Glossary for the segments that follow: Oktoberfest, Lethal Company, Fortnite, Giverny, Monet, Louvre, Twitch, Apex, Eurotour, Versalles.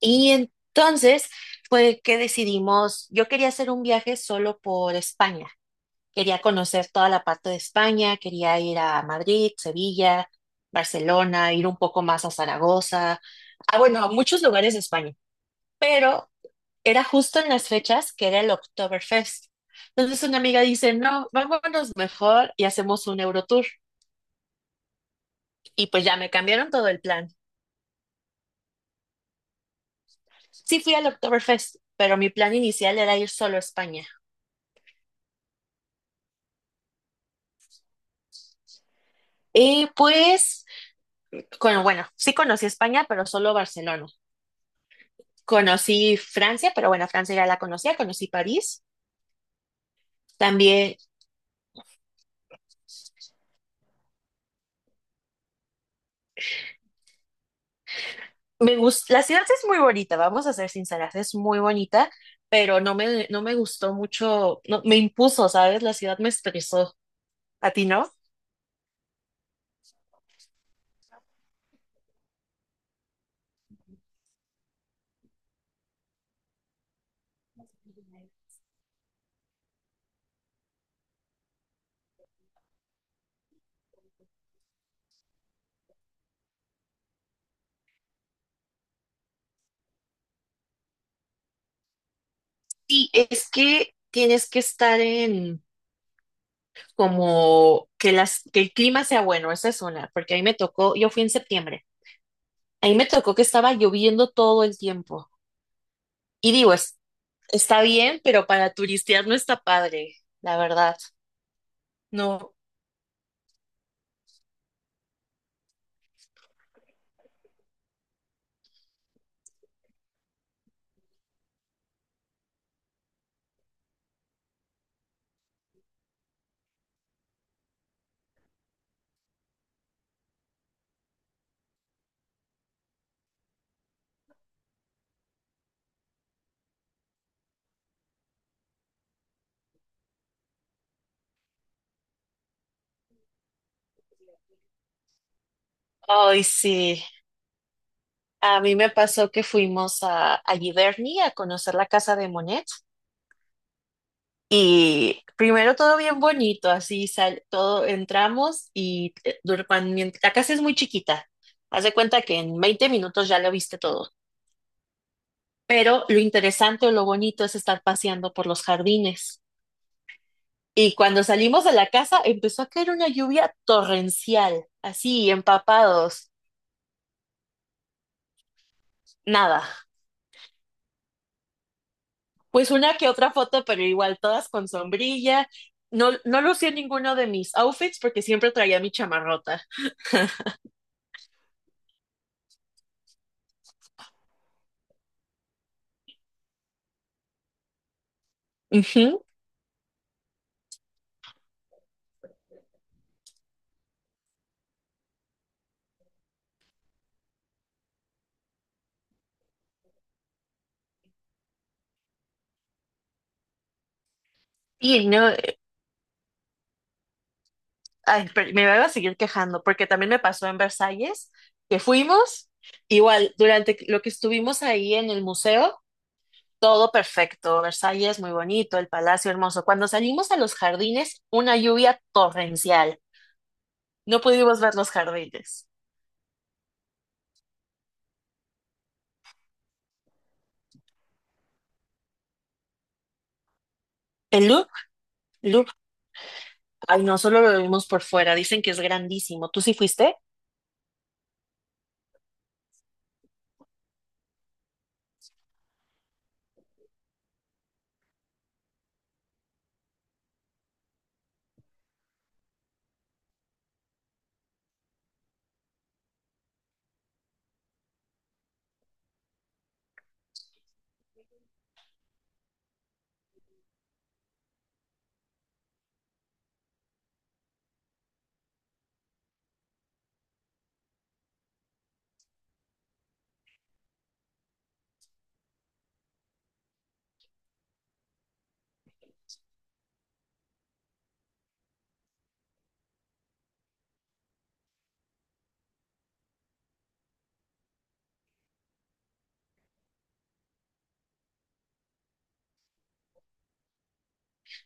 Y entonces fue que decidimos, yo quería hacer un viaje solo por España, quería conocer toda la parte de España, quería ir a Madrid, Sevilla, Barcelona, ir un poco más a Zaragoza, bueno, a muchos lugares de España, pero era justo en las fechas que era el Oktoberfest. Entonces una amiga dice, no, vámonos mejor y hacemos un Eurotour. Y pues ya me cambiaron todo el plan. Sí fui al Oktoberfest, pero mi plan inicial era ir solo a España. Y pues Con, bueno, sí conocí España, pero solo Barcelona. Conocí Francia, pero bueno, Francia ya la conocía, conocí París. También me gusta, la ciudad es muy bonita, vamos a ser sinceras, es muy bonita, pero no me gustó mucho, no, me impuso, ¿sabes? La ciudad me estresó. ¿A ti no? Sí, es que tienes que estar en como que las que el clima sea bueno, esa es una, porque ahí me tocó, yo fui en septiembre, ahí me tocó que estaba lloviendo todo el tiempo. Y digo, es Está bien, pero para turistear no está padre, la verdad. No. Ay, sí. A mí me pasó que fuimos a Giverny a conocer la casa de Monet. Y primero todo bien bonito, así sal, todo entramos y la casa es muy chiquita. Haz de cuenta que en 20 minutos ya lo viste todo. Pero lo interesante o lo bonito es estar paseando por los jardines. Y cuando salimos de la casa empezó a caer una lluvia torrencial, así empapados. Nada. Pues una que otra foto, pero igual todas con sombrilla. No lucía ninguno de mis outfits porque siempre traía mi chamarrota. Ujú. Y no, ay, pero me voy a seguir quejando porque también me pasó en Versalles que fuimos. Igual, durante lo que estuvimos ahí en el museo, todo perfecto. Versalles muy bonito, el palacio hermoso. Cuando salimos a los jardines, una lluvia torrencial. No pudimos ver los jardines. El Louvre. Ay, no, solo lo vimos por fuera. Dicen que es grandísimo. ¿Tú sí fuiste?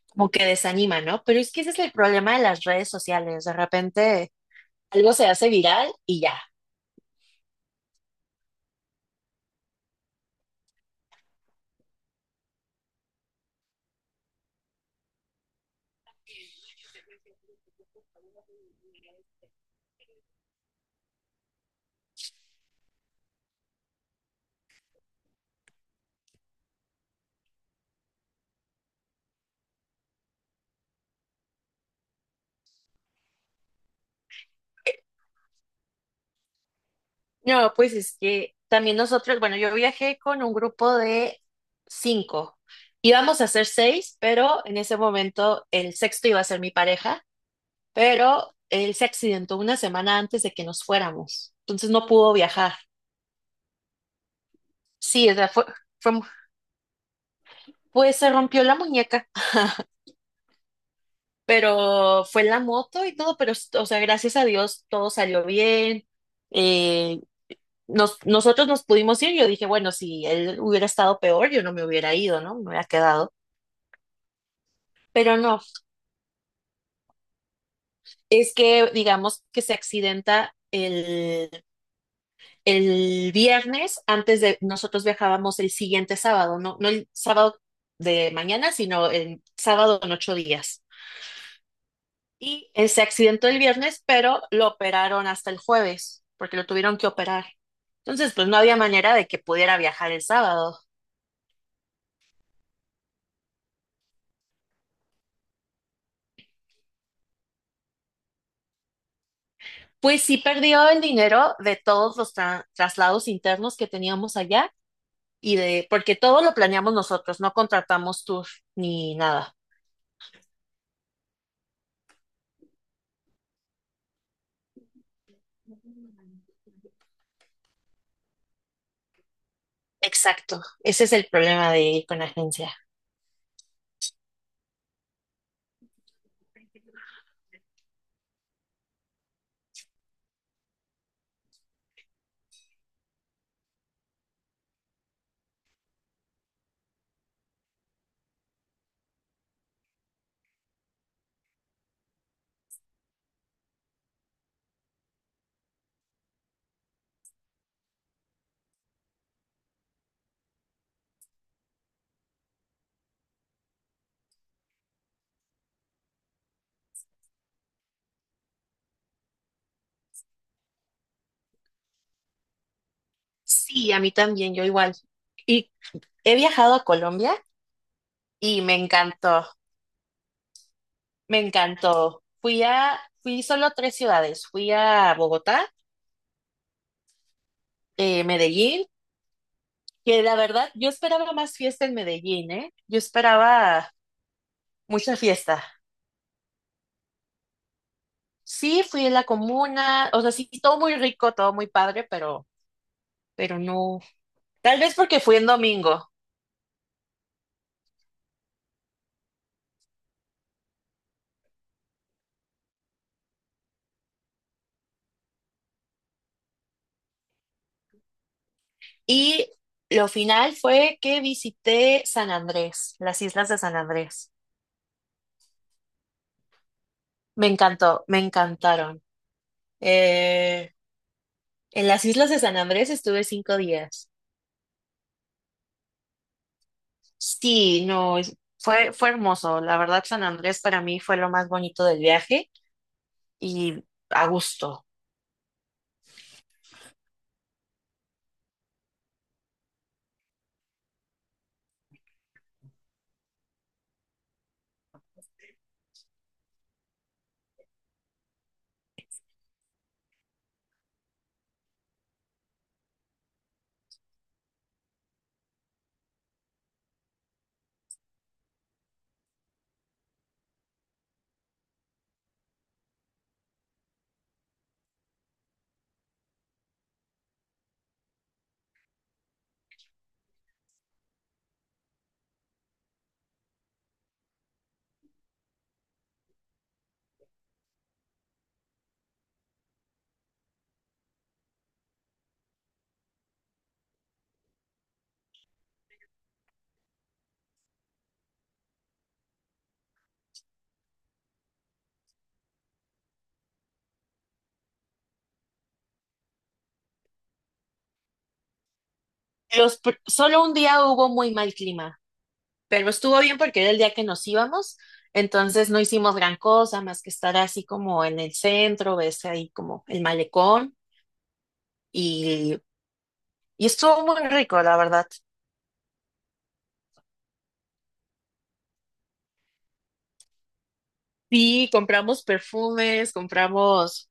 Como que desanima, ¿no? Pero es que ese es el problema de las redes sociales. De repente algo se hace viral y ya. No, pues es que también nosotros, bueno, yo viajé con un grupo de cinco. Íbamos a ser seis, pero en ese momento el sexto iba a ser mi pareja pero él se accidentó una semana antes de que nos fuéramos, entonces no pudo viajar. Sí, o sea, fue, pues se rompió la muñeca, pero fue la moto y todo, pero, o sea, gracias a Dios todo salió bien. Eh, nosotros nos pudimos ir, yo dije, bueno, si él hubiera estado peor, yo no me hubiera ido, ¿no? Me hubiera quedado. Pero no, es que digamos que se accidenta el viernes, antes de nosotros viajábamos el siguiente sábado, no, no el sábado de mañana, sino el sábado en 8 días. Y se accidentó el viernes, pero lo operaron hasta el jueves, porque lo tuvieron que operar. Entonces, pues no había manera de que pudiera viajar el sábado. Pues sí perdió el dinero de todos los traslados internos que teníamos allá y de, porque todo lo planeamos nosotros, no contratamos tour ni nada. Exacto, ese es el problema de ir con agencia. Sí, a mí también, yo igual. Y he viajado a Colombia y me encantó, me encantó. Fui a, fui solo a tres ciudades, fui a Bogotá, Medellín, que la verdad yo esperaba más fiesta en Medellín, ¿eh? Yo esperaba mucha fiesta. Sí, fui a la comuna, o sea, sí, todo muy rico, todo muy padre, pero no. Tal vez porque fui en domingo. Y lo final fue que visité San Andrés, las islas de San Andrés. Me encantó, me encantaron. Eh, en las islas de San Andrés estuve 5 días. Sí, no, fue hermoso. La verdad, San Andrés para mí fue lo más bonito del viaje y a gusto. Solo un día hubo muy mal clima, pero estuvo bien porque era el día que nos íbamos, entonces no hicimos gran cosa más que estar así como en el centro, ves ahí como el malecón y, y estuvo muy rico, la verdad. Sí, compramos perfumes, compramos.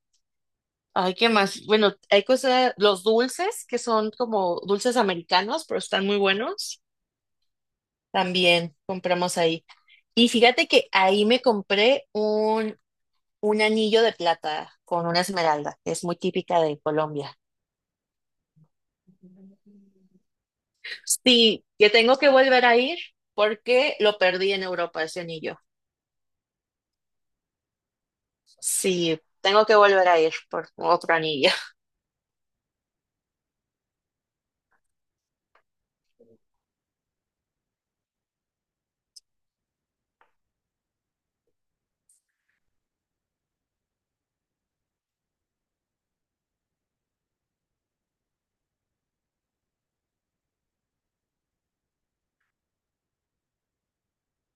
Ay, ¿qué más? Bueno, hay cosas, los dulces, que son como dulces americanos, pero están muy buenos. También compramos ahí. Y fíjate que ahí me compré un anillo de plata con una esmeralda, que es muy típica de Colombia. Sí, que tengo que volver a ir porque lo perdí en Europa, ese anillo. Sí, tengo que volver a ir por otro anillo.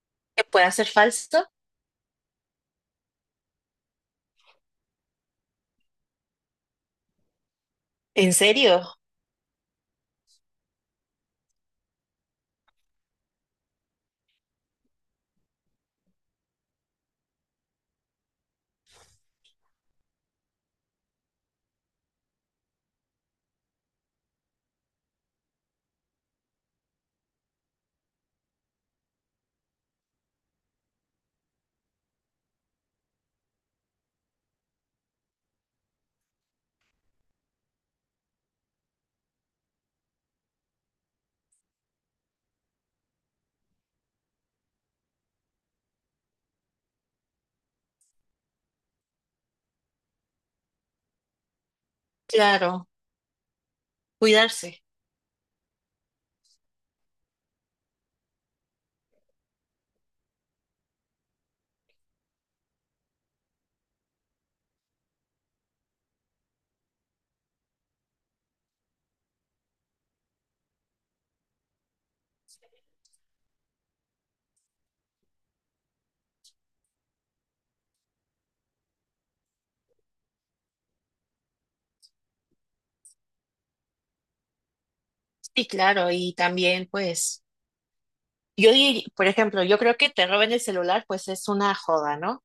¿Que pueda ser falso? ¿En serio? Claro, cuidarse. Sí, claro, y también pues... Yo, por ejemplo, yo creo que te roben el celular, pues es una joda, ¿no?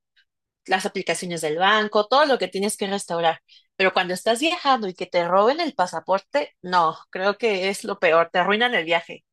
Las aplicaciones del banco, todo lo que tienes que restaurar. Pero cuando estás viajando y que te roben el pasaporte, no, creo que es lo peor, te arruinan el viaje.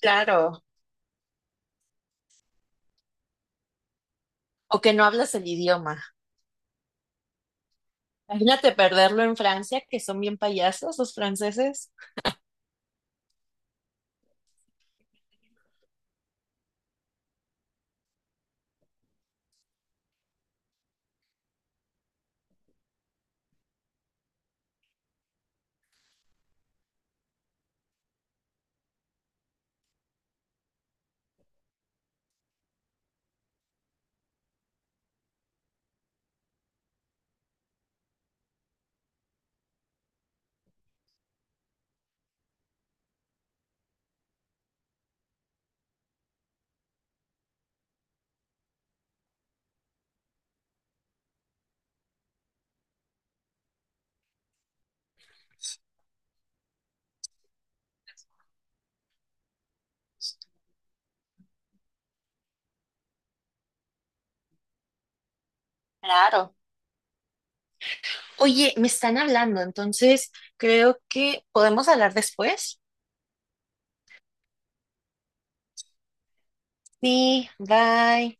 Claro, o que no hablas el idioma. Imagínate perderlo en Francia, que son bien payasos los franceses. Claro. Oye, me están hablando, entonces creo que podemos hablar después. Sí, bye.